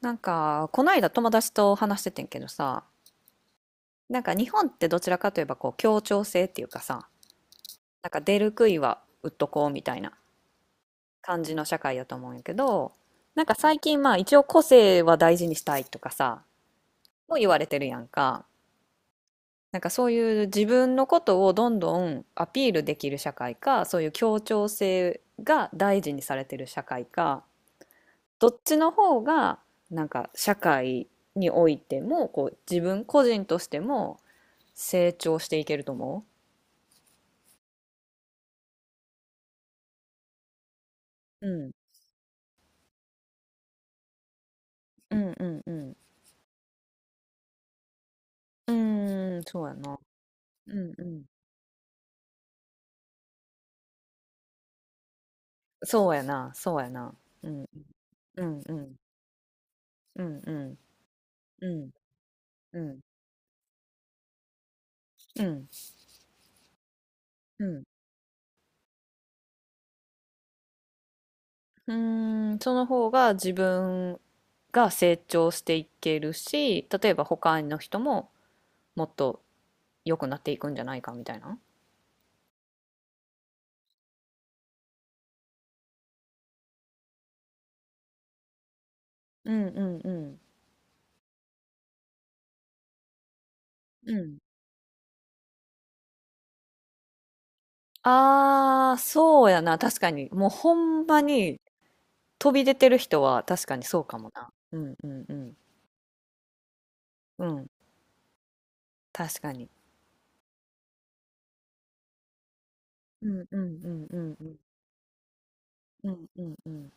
なんか、この間友達と話しててんけどさ、なんか日本ってどちらかといえばこう協調性っていうかさ、なんか出る杭は打っとこうみたいな感じの社会やと思うんやけど、なんか最近まあ一応個性は大事にしたいとかさ、も言われてるやんか。なんかそういう自分のことをどんどんアピールできる社会か、そういう協調性が大事にされてる社会か、どっちの方がなんか社会においてもこう自分個人としても成長していけると思うん、うんうんうんうん。うーん、そうやな。うんうん。そうやな、そうやな。うん、うんうん、うんうん。うん、うん、うん。うん。うーん、その方が自分が成長していけるし、例えば他の人ももっと良くなっていくんじゃないかみたいな。うんうんうん。うん。ああ、そうやな、確かに。もうほんまに飛び出てる人は確かにそうかもな。うんうんうん。うん、確かに。うんうんうんうんうん。うんうんうん。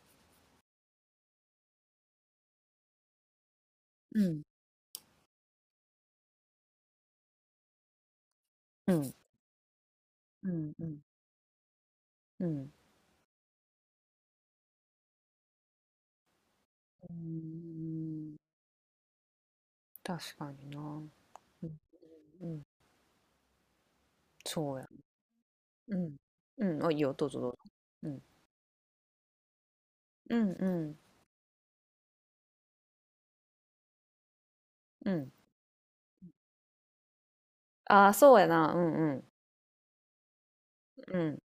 うん。うん。うんうん。うん。うーん。確かにな。うん。うん、そうや。うん。うん、あ、いいよ、どうぞどうぞ。うん。うんうんうん。ああ、そうやな。うんうん。うん。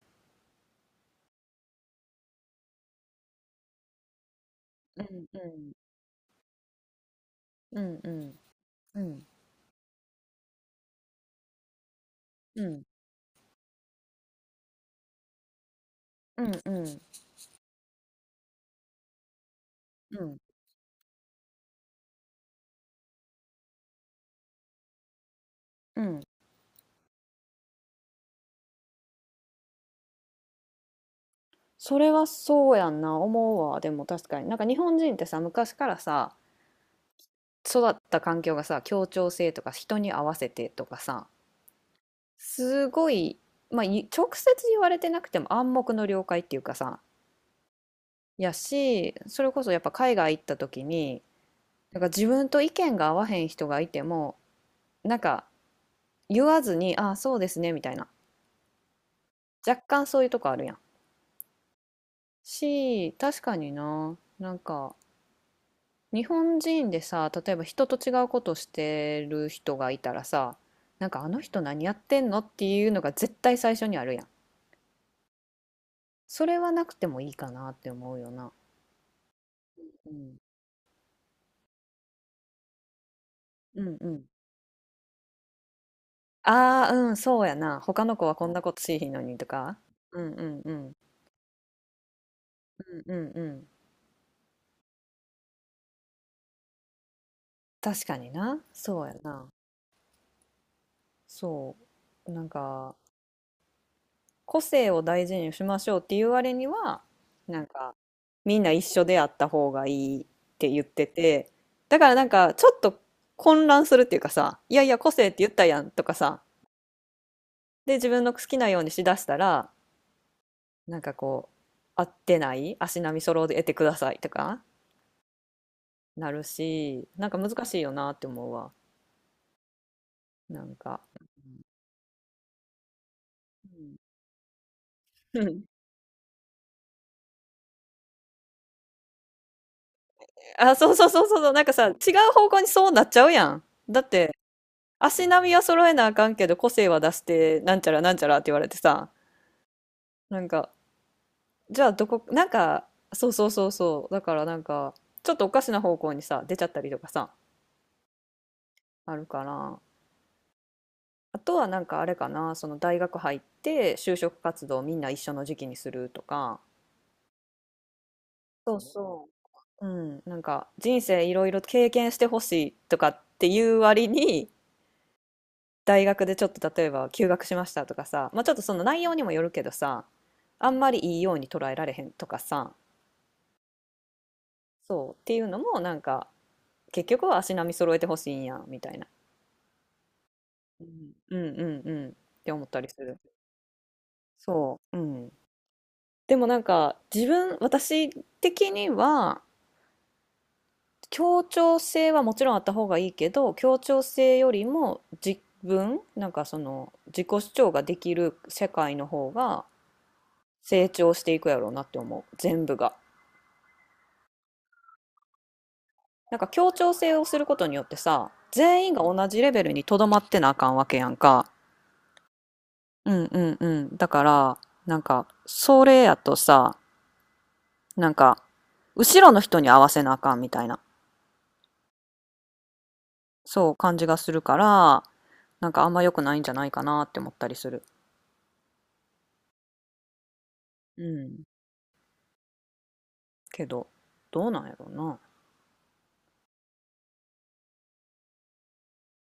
うんうん。うんうん。うん。うん。うんうん。うん。うんああそうやなうんうんうんうんうんうんうんうんうんうんうんうん。それはそうやんな。思うわ。でも確かに。なんか日本人ってさ、昔からさ、育った環境がさ協調性とか人に合わせてとかさすごい、まあ、直接言われてなくても暗黙の了解っていうかさやしそれこそやっぱ海外行った時になんか自分と意見が合わへん人がいてもなんか言わずに「ああそうですね」みたいな若干そういうとこあるやん。し確かにななんか日本人でさ例えば人と違うことしてる人がいたらさなんかあの人何やってんのっていうのが絶対最初にあるやん。それはなくてもいいかなって思うよな。うん。うんうん。ああ、うん、そうやな。他の子はこんなことしいひんのにとか。うんうんうん。うんうんうん。確かにな。そうやな。そう。なんか、個性を大事にしましょうっていう割には、なんか、みんな一緒であった方がいいって言ってて、だからなんか、ちょっと混乱するっていうかさ、いやいや、個性って言ったやんとかさ、で、自分の好きなようにしだしたら、なんかこう、合ってない、足並み揃えてくださいとかなるし、なんか難しいよなって思うわ。なんか。うん。あ、そうそうそうそうそう、なんかさ、違う方向にそうなっちゃうやん。だって、足並みは揃えなあかんけど、個性は出して、なんちゃらなんちゃらって言われてさ、なんか、じゃあどこ、なんか、そうそうそうそう、だからなんか、ちょっとおかしな方向にさ、出ちゃったりとかさ、あるから、あとはなんかあれかな、その大学入って就職活動みんな一緒の時期にするとか、そうそう。うん、なんか人生いろいろ経験してほしいとかっていう割に、大学でちょっと例えば休学しましたとかさ、まあちょっとその内容にもよるけどさ、あんまりいいように捉えられへんとかさ、そうっていうのもなんか結局は足並み揃えてほしいんやみたいな。うん、うんうんうんって思ったりする。そう。うん。でもなんか自分私的には協調性はもちろんあった方がいいけど、協調性よりも自分、なんかその自己主張ができる世界の方が成長していくやろうなって思う。全部が。なんか協調性をすることによってさ、全員が同じレベルにとどまってなあかんわけやんか。うんうんうん。だから、なんか、それやとさ、なんか、後ろの人に合わせなあかんみたいな、そう感じがするから、なんかあんま良くないんじゃないかなって思ったりする。うん。けど、どうなんやろうな。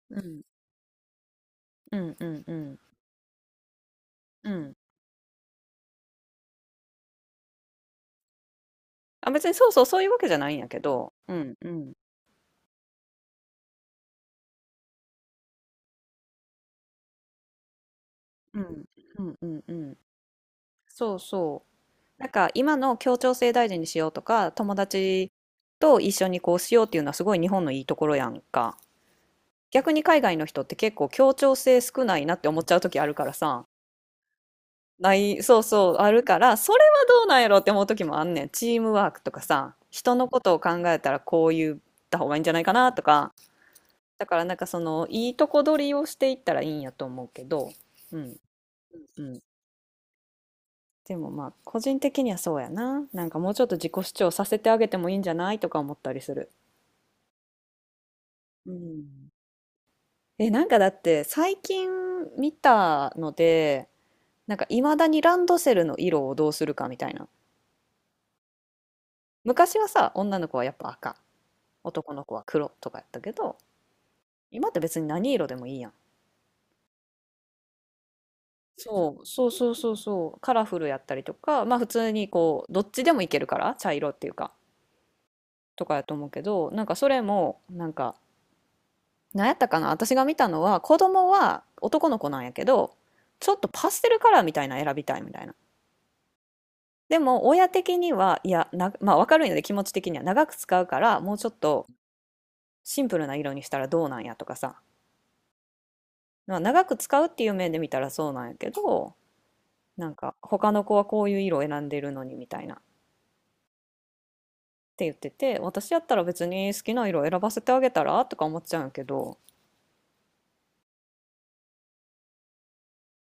うん。うんうんうんうん。あ、別にそうそうそういうわけじゃないんやけど、うんうんうんうんうんうん。そうそう。なんか今の協調性大事にしようとか、友達と一緒にこうしようっていうのはすごい日本のいいところやんか。逆に海外の人って結構協調性少ないなって思っちゃう時あるからさ。ない、そうそう、あるから、それはどうなんやろって思う時もあんねん。チームワークとかさ、人のことを考えたらこう言った方がいいんじゃないかなとか、だからなんかそのいいとこ取りをしていったらいいんやと思うけど、うんうんでもまあ個人的にはそうやな。なんかもうちょっと自己主張させてあげてもいいんじゃないとか思ったりする。うん。え、なんかだって最近見たので、なんかいまだにランドセルの色をどうするかみたいな。昔はさ、女の子はやっぱ赤、男の子は黒とかやったけど、今って別に何色でもいいやん。そう、そうそうそうそう、カラフルやったりとか、まあ普通にこう、どっちでもいけるから、茶色っていうか、とかやと思うけど、なんかそれも、なんか、なんやったかな、私が見たのは、子供は男の子なんやけど、ちょっとパステルカラーみたいなの選びたいみたいな。でも、親的には、いや、な、まあわかるんやで、気持ち的には長く使うから、もうちょっとシンプルな色にしたらどうなんやとかさ、まあ長く使うっていう面で見たらそうなんやけど、なんか、他の子はこういう色を選んでるのにみたいな。って言ってて、私やったら別に好きな色選ばせてあげたらとか思っちゃうんやけど、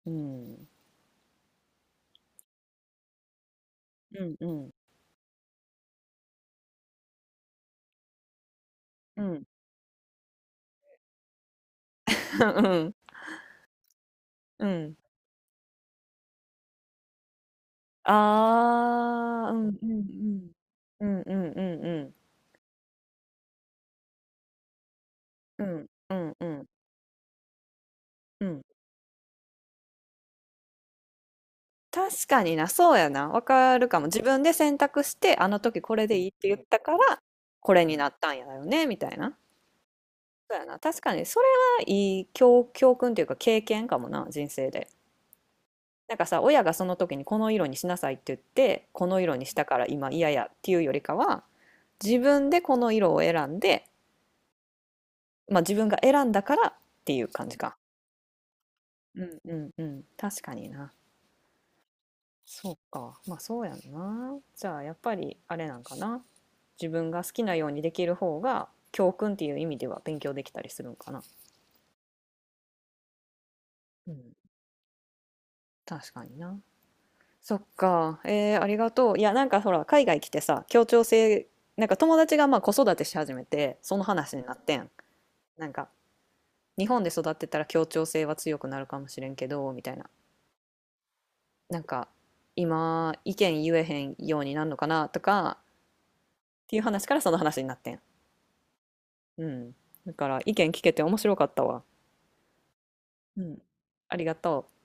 うん、うんうん、うん うん、うん。ああ、うんうんうん。うんうんうんうん。うんうんうんうん。確かにな、そうやな。わかるかも。自分で選択して、あの時これでいいって言ったから、これになったんやよね、みたいな。そうやな。確かに、それはいい教訓というか経験かもな、人生で。なんかさ、親がその時にこの色にしなさいって言って、この色にしたから今嫌やっていうよりかは、自分でこの色を選んで、まあ自分が選んだからっていう感じか。うんうんうん。確かにな。そうか。まあそうやんな。じゃあやっぱりあれなんかな。自分が好きなようにできる方が教訓っていう意味では勉強できたりするんかな。うん。確かにな。そっか。ありがとう。いや、なんかほら、海外来てさ、協調性、なんか友達がまあ子育てし始めて、その話になってん。なんか、日本で育ってたら協調性は強くなるかもしれんけど、みたいな。なんか、今、意見言えへんようになるのかなとか、っていう話からその話になってん。うん。だから、意見聞けて面白かったわ。うん。ありがとう。